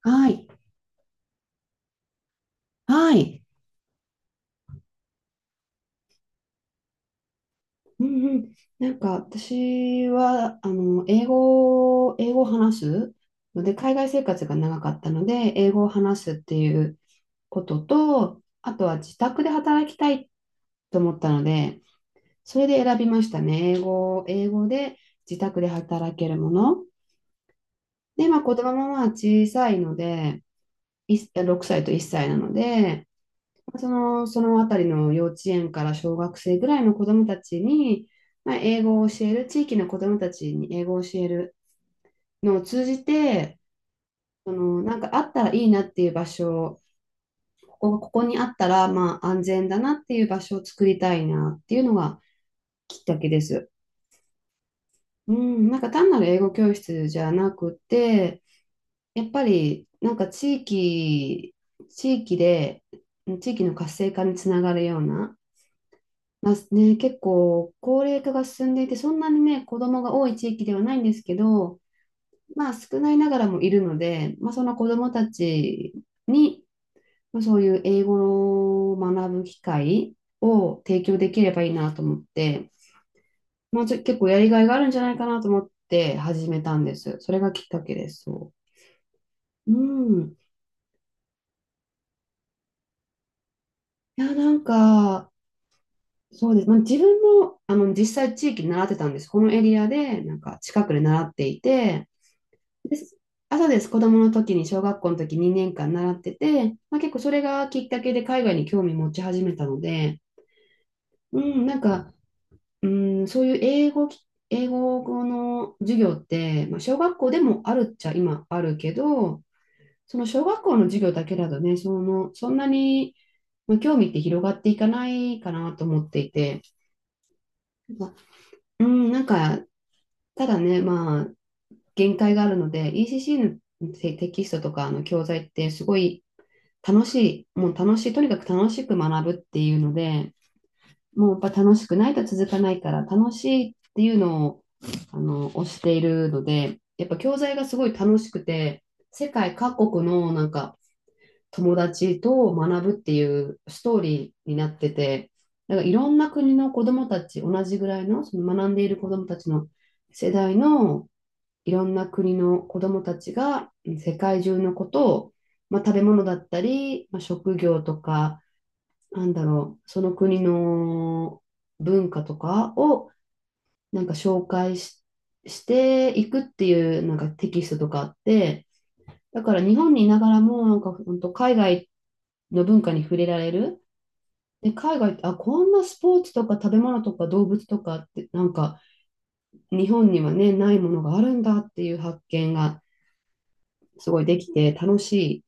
はい。はい。うんうん、なんか私は英語を話すので、海外生活が長かったので英語を話すっていうことと、あとは自宅で働きたいと思ったので、それで選びましたね。英語で自宅で働けるもの。で、まあ、子供もまあ小さいので、6歳と1歳なので、そのあたりの幼稚園から小学生ぐらいの子どもたちに、まあ、英語を教える、地域の子どもたちに英語を教えるのを通じて、その、なんかあったらいいなっていう場所、ここにあったら、まあ、安全だなっていう場所を作りたいなっていうのがきっかけです。うん、なんか単なる英語教室じゃなくて、やっぱりなんか地域で、地域の活性化につながるような、まあね、結構高齢化が進んでいて、そんなにね、子供が多い地域ではないんですけど、まあ少ないながらもいるので、まあその子供たちに、まあ、そういう英語を学ぶ機会を提供できればいいなと思って、まあ結構やりがいがあるんじゃないかなと思って始めたんです。それがきっかけです。そう。うん。いや、なんか、そうです。まあ、自分も、あの、実際地域で習ってたんです。このエリアで、なんか近くで習っていて、です。あ、そうです。子供の時に、小学校の時2年間習ってて、まあ、結構それがきっかけで海外に興味持ち始めたので、うん、なんか、うん、そういう英語の授業って、まあ、小学校でもあるっちゃ今あるけど、その小学校の授業だけだとね、その、そんなに、まあ、興味って広がっていかないかなと思っていて、まあうん、なんか、ただね、まあ、限界があるので、ECC のテキストとかの教材ってすごい楽しい、もう楽しい、とにかく楽しく学ぶっていうので、もうやっぱ楽しくないと続かないから、楽しいっていうのを、あの、推しているので、やっぱ教材がすごい楽しくて、世界各国のなんか友達と学ぶっていうストーリーになってて、なんかいろんな国の子どもたち、同じぐらいの、その学んでいる子どもたちの世代のいろんな国の子どもたちが世界中のことを、まあ、食べ物だったり、まあ、職業とか、なんだろう、その国の文化とかをなんか紹介し、していくっていうなんかテキストとかあって、だから日本にいながらもなんか本当海外の文化に触れられる。で、海外って、あ、こんなスポーツとか食べ物とか動物とかってなんか日本にはね、ないものがあるんだっていう発見がすごいできて楽しい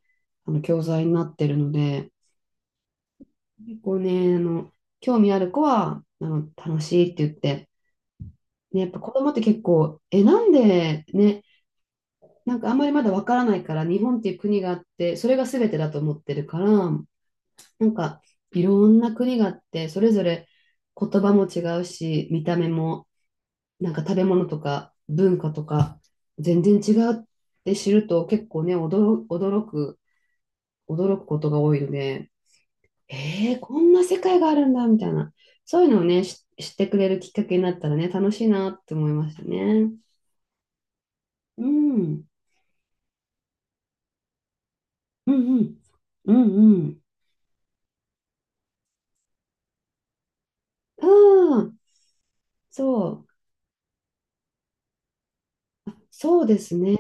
あの教材になってるので、結構ね、あの、興味ある子は、あの、楽しいって言って、ね、やっぱ子供って結構、え、なんでね、なんかあんまりまだわからないから、日本っていう国があって、それが全てだと思ってるから、なんかいろんな国があって、それぞれ言葉も違うし、見た目も、なんか食べ物とか文化とか、全然違うって知ると結構ね、驚くことが多いので、えーこんな世界があるんだ、みたいな。そういうのをね、知ってくれるきっかけになったらね、楽しいなって思いましたね。うん。うんうん。うんうん。ああ、そう。そうですね。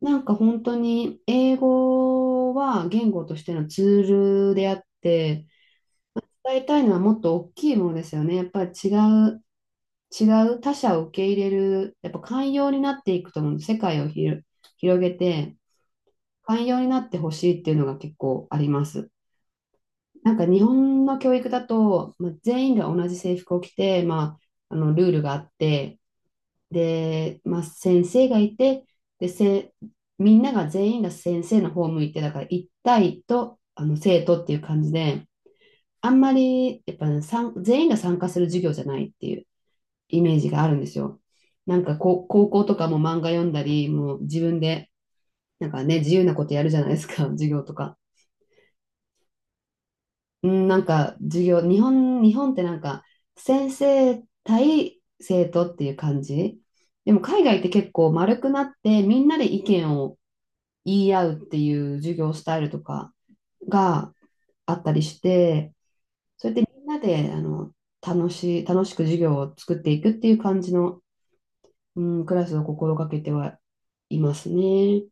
なんか本当に英語は言語としてのツールであって、伝えたいのはもっと大きいものですよね。やっぱりう、違う他者を受け入れる、やっぱ寛容になっていくと思う。世界を広げて、寛容になってほしいっていうのが結構あります。なんか日本の教育だと、まあ、全員が同じ制服を着て、まあ、あのルールがあって、で、まあ、先生がいて、で、せ、みんなが全員が先生の方を向いて、だから一対とあの生徒っていう感じで、あんまりやっぱ、ね、全員が参加する授業じゃないっていうイメージがあるんですよ。なんかこう高校とかも漫画読んだり、もう自分でなんかね、自由なことやるじゃないですか、授業とか。うん、なんか授業、日本ってなんか先生対生徒っていう感じ。でも海外って結構丸くなってみんなで意見を言い合うっていう授業スタイルとかがあったりして、それでみんなであの楽しく授業を作っていくっていう感じの、うん、クラスを心がけてはいますね。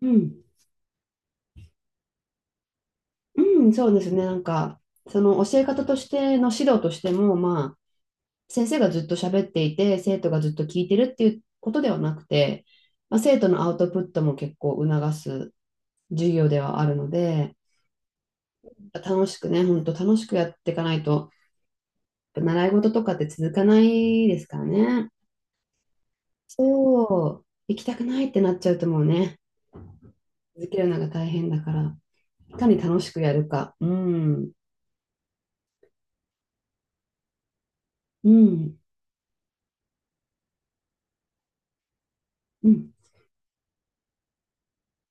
うん、うん、そうですね。なんかその教え方としての指導としても、まあ先生がずっと喋っていて、生徒がずっと聞いてるっていうことではなくて、まあ、生徒のアウトプットも結構促す授業ではあるので、楽しくね、本当楽しくやっていかないと、習い事とかって続かないですからね。そう、行きたくないってなっちゃうともうね、続けるのが大変だから、いかに楽しくやるか。うん、うん、うん。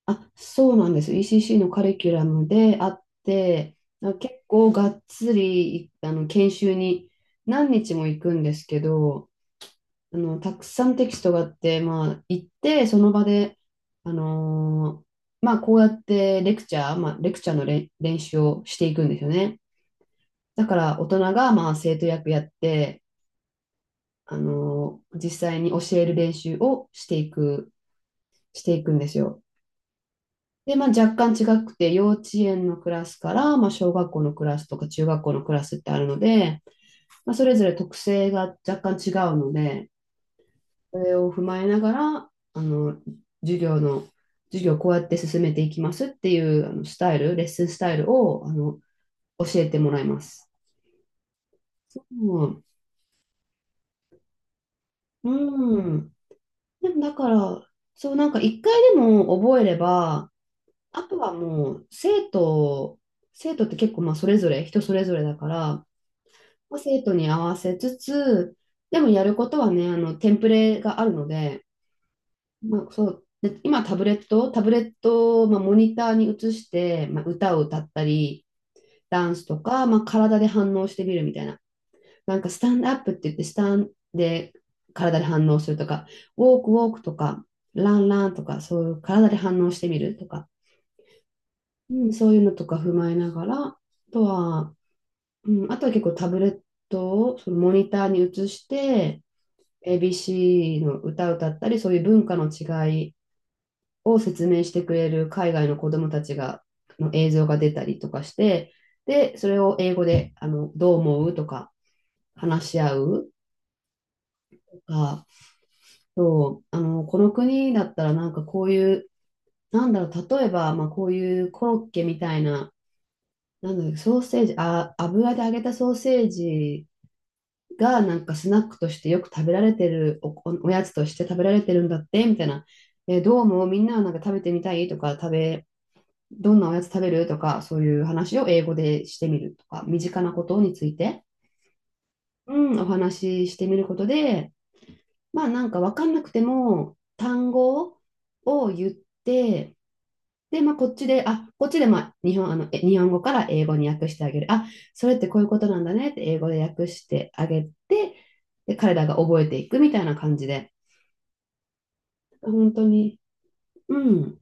あ、そうなんです。ECC のカリキュラムであって、あ結構がっつりあの研修に何日も行くんですけど、あのたくさんテキストがあって、まあ、行って、その場で、あのーまあ、こうやってレクチャー、まあ、レクチャーの練習をしていくんですよね。だから大人が、まあ、生徒役やって、あのー実際に教える練習をしていくんですよ。で、まあ、若干違くて、幼稚園のクラスから、まあ、小学校のクラスとか中学校のクラスってあるので、まあ、それぞれ特性が若干違うので、それを踏まえながら、あの、授業の、授業をこうやって進めていきますっていうあのスタイル、レッスンスタイルを、あの、教えてもらいます。うん。うん。でもだから、そう、なんか一回でも覚えれば、あとはもう生徒って結構まあそれぞれ、人それぞれだから、生徒に合わせつつ、でもやることはね、あの、テンプレがあるので、まあ、そう、で、今タブレットを、まあ、モニターに移して、まあ、歌を歌ったり、ダンスとか、まあ、体で反応してみるみたいな。なんか、スタンドアップって言って、スタンで体で反応するとか、ウォークウォークとか、ランランとか、そういう体で反応してみるとか、うん、そういうのとか踏まえながら、あとは、うん、あとは結構タブレットをそのモニターに移して、ABC の歌を歌ったり、そういう文化の違いを説明してくれる海外の子どもたちがの映像が出たりとかして、で、それを英語でどう思うとか話し合うとか、そうこの国だったらなんかこういう、なんだろう、例えば、まあ、こういうコロッケみたいな、なんだろう、ソーセージ、あ、油で揚げたソーセージがなんかスナックとしてよく食べられてるおおやつとして食べられてるんだってみたいな、どうもみんななんか食べてみたいとか食べ、どんなおやつ食べるとかそういう話を英語でしてみるとか身近なことについて、うん、お話ししてみることで、まあ、なんか分かんなくても単語を言って、で、まあ、こっちで、あ、こっちで、まあ、日本、日本語から英語に訳してあげる。あ、それってこういうことなんだねって英語で訳してあげて、で、彼らが覚えていくみたいな感じで、本当に、うん、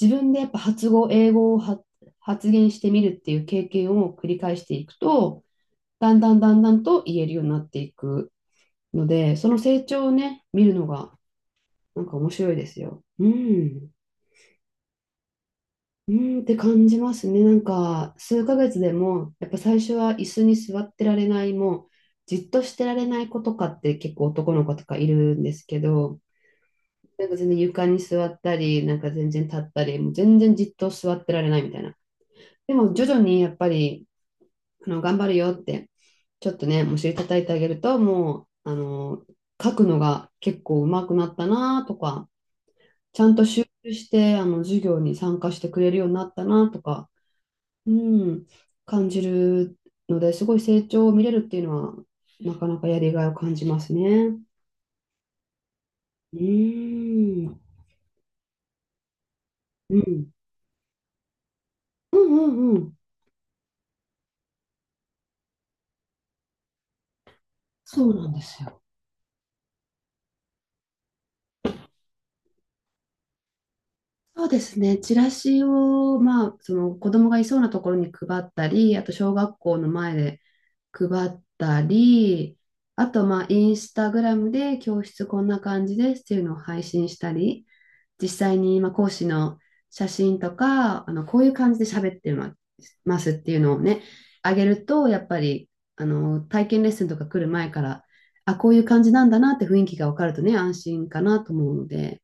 自分でやっぱ発語、英語を発言してみるっていう経験を繰り返していくと、だんだんだんだんと言えるようになっていくので、その成長をね、見るのが、なんか面白いですよ。うん。うーんって感じますね。なんか、数ヶ月でも、やっぱ最初は椅子に座ってられない、もう、じっとしてられない子とかって結構男の子とかいるんですけど、なんか全然床に座ったり、なんか全然立ったり、もう全然じっと座ってられないみたいな。でも徐々にやっぱり、頑張るよって、ちょっとね、お尻叩いてあげると、もう、書くのが結構上手くなったなとか、ちゃんと集中して、授業に参加してくれるようになったなとか、うん、感じるので、すごい成長を見れるっていうのは、なかなかやりがいを感じますね。うーん、うん、うんうんうん、そうなんですよ。そうですね、チラシを、まあ、その子供がいそうなところに配ったり、あと小学校の前で配ったり、あと、まあ、インスタグラムで教室こんな感じですっていうのを配信したり、実際に、まあ、講師の写真とか、こういう感じで喋ってまますっていうのをね、あげると、やっぱり、体験レッスンとか来る前から、あ、こういう感じなんだなって雰囲気が分かるとね、安心かなと思うので、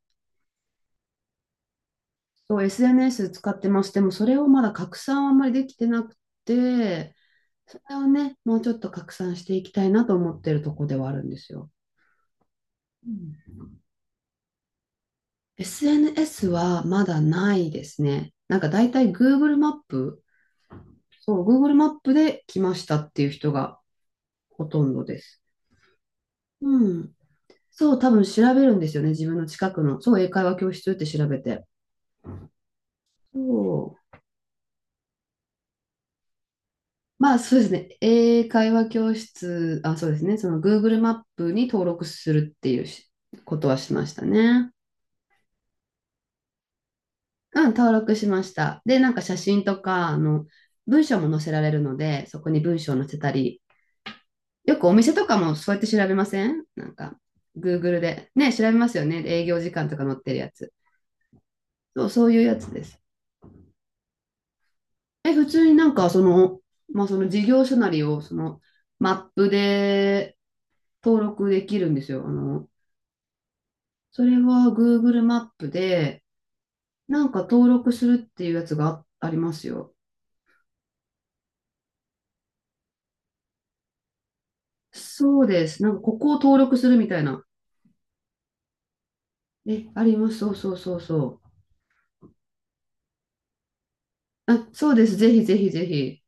そう、SNS 使ってます。でも、それをまだ拡散はあんまりできてなくて、それをね、もうちょっと拡散していきたいなと思ってるとこではあるんですよ。うん、 SNS はまだないですね。なんかだいたい Google マップ、そう、Google マップで来ましたっていう人がほとんどです。うん。そう、多分調べるんですよね。自分の近くの。そう、英会話教室って調べて。そう。まあそうですね。英会話教室、あ、そうですね。その Google マップに登録するっていうしことはしましたね。うん、登録しました。で、なんか写真とか、文章も載せられるので、そこに文章を載せたり、よくお店とかもそうやって調べませんなんか、Google で。ね、調べますよね。営業時間とか載ってるやつ。そう、そういうやつです。え、普通になんか、その、まあ、その事業所なりを、その、マップで登録できるんですよ。それは Google マップで、なんか登録するっていうやつがありますよ。そうです。なんか、ここを登録するみたいな。え、あります。そうそうそうそう。あ、そうです。ぜひぜひぜひ。